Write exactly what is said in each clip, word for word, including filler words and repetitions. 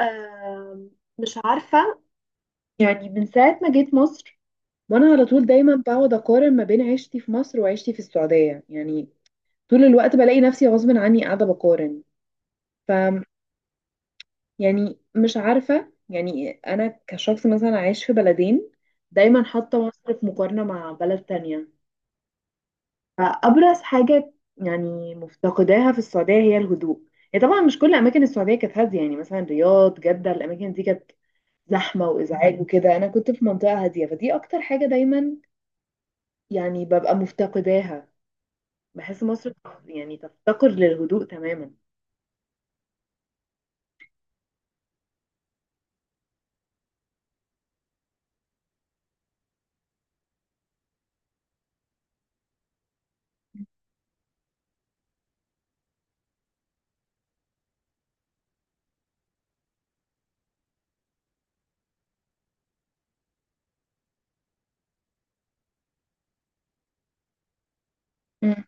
آم، مش عارفة. يعني من ساعة ما جيت مصر وانا على طول دايما بقعد اقارن ما بين عيشتي في مصر وعيشتي في السعودية، يعني طول الوقت بلاقي نفسي غصب عني قاعدة بقارن. ف يعني مش عارفة، يعني انا كشخص مثلا عايش في بلدين دايما حاطة مصر في مقارنة مع بلد تانية. فأبرز حاجة يعني مفتقداها في السعودية هي الهدوء. هي طبعا مش كل أماكن السعودية كانت هادية، يعني مثلا رياض جدة الأماكن دي كانت زحمة وإزعاج وكده، أنا كنت في منطقة هادية فدي أكتر حاجة دايما يعني ببقى مفتقداها. بحس مصر يعني تفتقر للهدوء تماما. مم.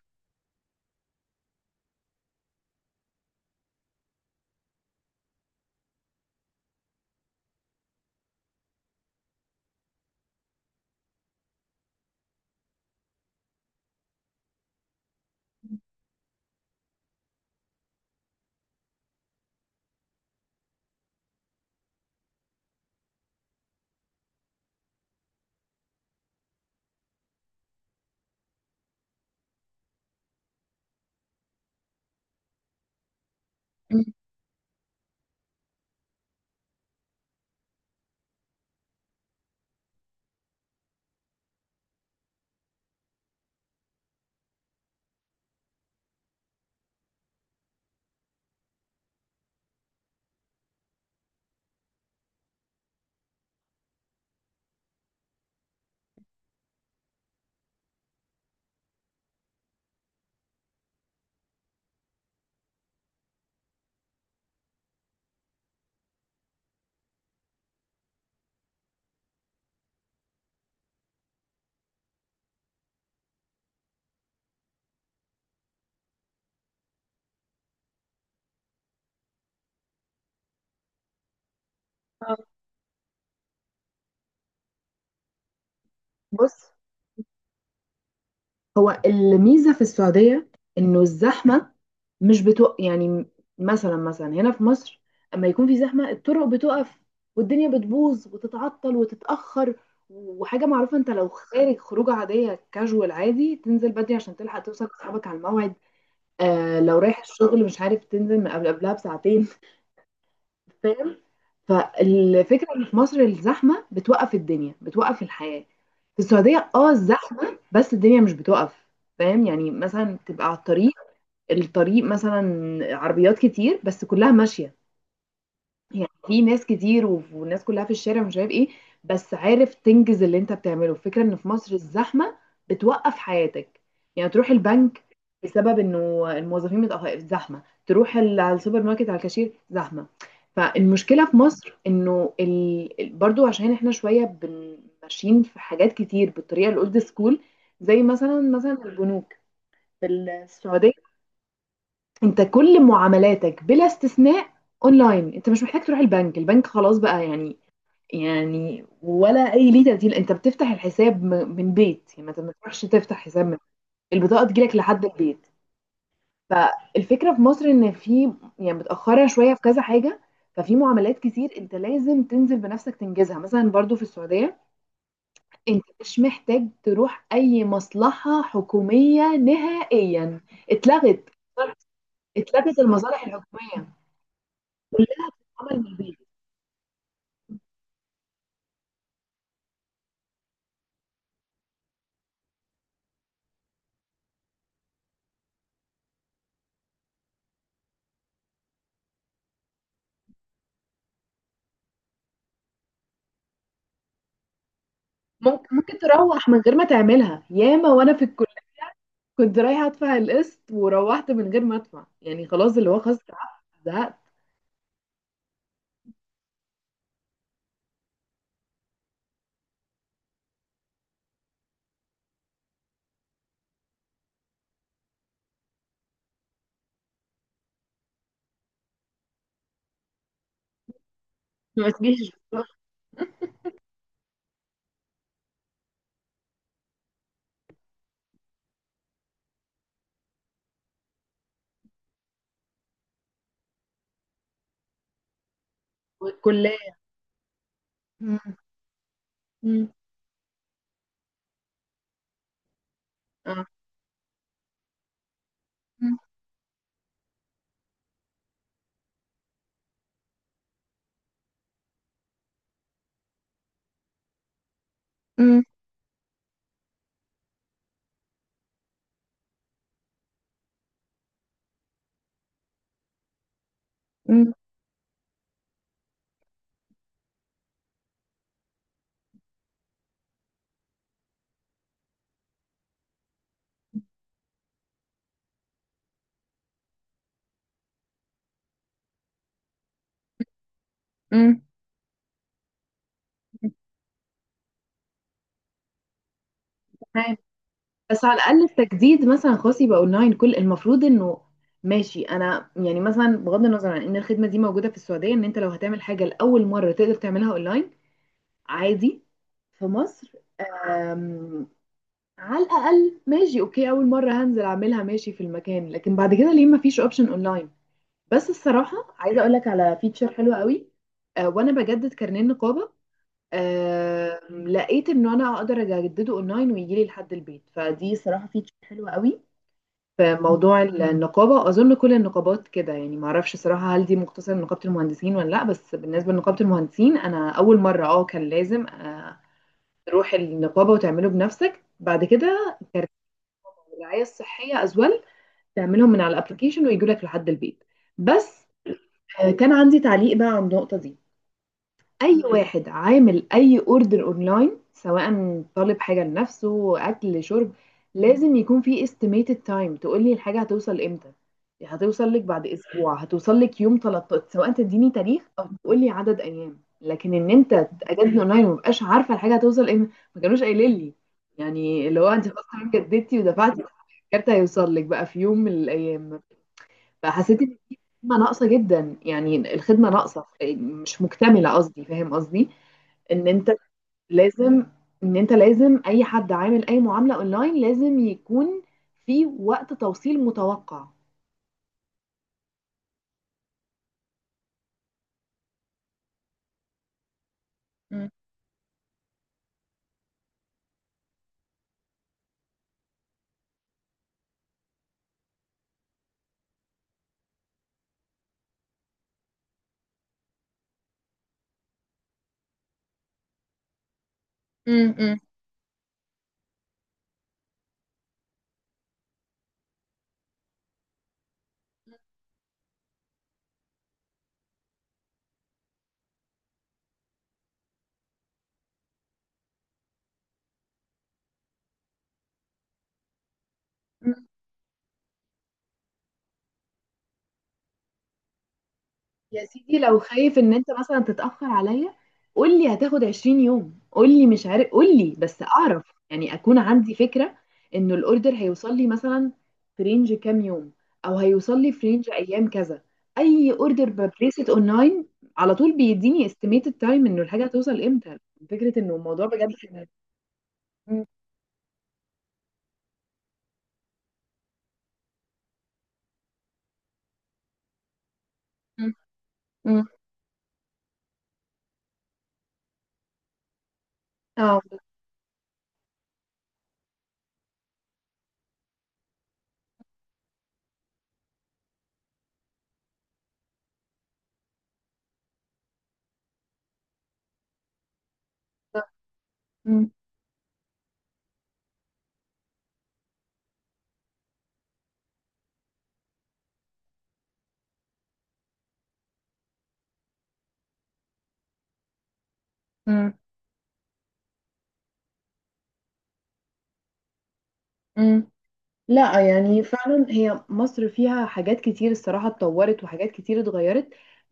مم. آه. بص، هو الميزة في السعودية إنه الزحمة مش بتوق يعني. مثلا مثلا هنا في مصر أما يكون في زحمة الطرق بتقف والدنيا بتبوظ وتتعطل وتتأخر. وحاجة معروفة أنت لو خارج خروجة عادية كاجوال عادي تنزل بدري عشان تلحق توصل لأصحابك على الموعد. آه لو رايح الشغل مش عارف تنزل من قبل قبلها بساعتين. فاهم؟ فالفكرة ان في مصر الزحمة بتوقف الدنيا، بتوقف الحياة. في السعودية اه الزحمة بس الدنيا مش بتوقف. فاهم؟ يعني مثلا تبقى على الطريق، الطريق مثلا عربيات كتير بس كلها ماشية. يعني في ناس كتير وف- والناس كلها في الشارع مش عارف ايه، بس عارف تنجز اللي انت بتعمله. الفكرة ان في مصر الزحمة بتوقف حياتك. يعني تروح البنك بسبب انه الموظفين متأخر زحمة، تروح ال- على السوبر ماركت على الكاشير زحمة. فالمشكلة في مصر انه ال... ال- برضو عشان احنا شوية بن- ماشيين في حاجات كتير بالطريقة الاولد سكول. زي مثلا مثلا البنوك في السعودية، انت كل معاملاتك بلا استثناء اونلاين. انت مش محتاج تروح البنك، البنك خلاص بقى يعني. يعني ولا اي ليه تبديل، انت بتفتح الحساب م- من بيت، يعني ما ما تروحش تفتح حساب من. البطاقه تجيلك لحد البيت. فالفكره في مصر ان في يعني متاخره شويه في كذا حاجه. ففي معاملات كتير انت لازم تنزل بنفسك تنجزها. مثلا برضو في السعوديه انت مش محتاج تروح اي مصلحه حكوميه نهائيا. اتلغت، اتلغت المصالح الحكوميه، عمل من البيت. ممكن ممكن تروح من غير ما تعملها. ياما وانا في الكليه كنت رايحه ادفع القسط وروحت من غير ما ادفع، يعني خلاص اللي هو خلاص تعبت زهقت ما تجيش الكليه. مم. مم. آه. مم. مم. مم. مم. تمام. بس على الاقل التجديد مثلا خاص يبقى اونلاين، كل المفروض انه ماشي. انا يعني مثلا بغض النظر عن ان الخدمه دي موجوده في السعوديه، ان انت لو هتعمل حاجه لاول مره تقدر تعملها اونلاين عادي. في مصر على الاقل ماشي اوكي اول مره هنزل اعملها ماشي في المكان، لكن بعد كده ليه ما فيش اوبشن اونلاين؟ بس الصراحه عايزه اقول لك على فيتشر حلوه قوي. آه وانا بجدد كارنيه النقابه، آه لقيت ان انا اقدر اجدده اونلاين ويجي لي لحد البيت، فدي صراحه فيتشر حلوه قوي. في موضوع النقابه اظن كل النقابات كده، يعني ما اعرفش صراحه هل دي مختصه لنقابه المهندسين ولا لا، بس بالنسبه لنقابه المهندسين انا اول مره اه كان لازم آه تروح النقابه وتعمله بنفسك. بعد كده الرعايه الصحيه از ويل، تعملهم من على الابلكيشن ويجوا لك لحد البيت. بس آه، كان عندي تعليق بقى عن النقطه دي. اي واحد عامل اي اوردر اونلاين، سواء طالب حاجه لنفسه اكل شرب، لازم يكون في estimated time تقول لي الحاجه هتوصل امتى. هتوصل لك بعد اسبوع، هتوصل لك يوم ثلاثة عشر، سواء تديني تاريخ او تقول لي عدد ايام. لكن ان انت تجدد اونلاين ومبقاش عارفه الحاجه هتوصل امتى، ما كانوش قايلين لي. يعني اللي هو انت خلاص تمام، جددتي ودفعتي، الكارت هيوصل لك بقى في يوم من الايام. فحسيت ان في خدمه ناقصه جدا، يعني الخدمه ناقصه مش مكتمله قصدي، فاهم قصدي؟ ان انت لازم ان انت لازم اي حد عامل اي معامله اونلاين لازم يكون في وقت توصيل متوقع. مم. مم. مم. يا سيدي لو خايف ان انت مثلا تتأخر عليا قول لي هتاخد عشرين يوم، قول لي مش عارف، قول لي بس اعرف، يعني اكون عندي فكرة انه الاوردر هيوصل لي مثلا في رينج كام يوم، او هيوصل لي في رينج ايام كذا. اي اوردر ببريست اونلاين على طول بيديني استيميتد تايم انه الحاجة هتوصل امتى. فكرة انه الموضوع بجد. مم. مم. مم. اه بالظبط. مم. مم. مم. لا يعني فعلا هي مصر فيها حاجات كتير الصراحة اتطورت وحاجات كتير اتغيرت،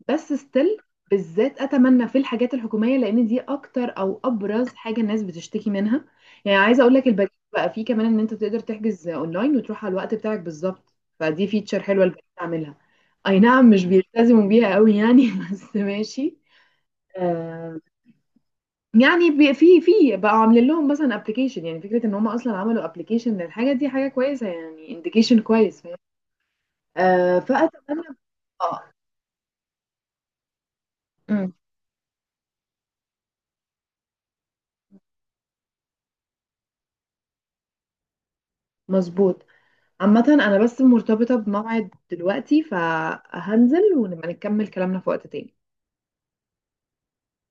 بس ستيل بالذات اتمنى في الحاجات الحكومية لان دي اكتر او ابرز حاجة الناس بتشتكي منها. يعني عايزة اقول لك البديل بقى، فيه كمان ان انت تقدر تحجز اونلاين وتروح على الوقت بتاعك بالظبط، فدي فيتشر حلوة البديل عاملها. اي نعم مش بيلتزموا بيها قوي يعني، بس ماشي. آه، يعني بي- في في بقوا عاملين لهم مثلا ابلكيشن، يعني فكره ان هم اصلا عملوا ابلكيشن للحاجه دي حاجه كويسه يعني، انديكيشن كويس. آه فأتمنى. اه أمم، مظبوط. عامة أنا بس مرتبطة بموعد دلوقتي فهنزل ونبقى نكمل كلامنا في وقت تاني.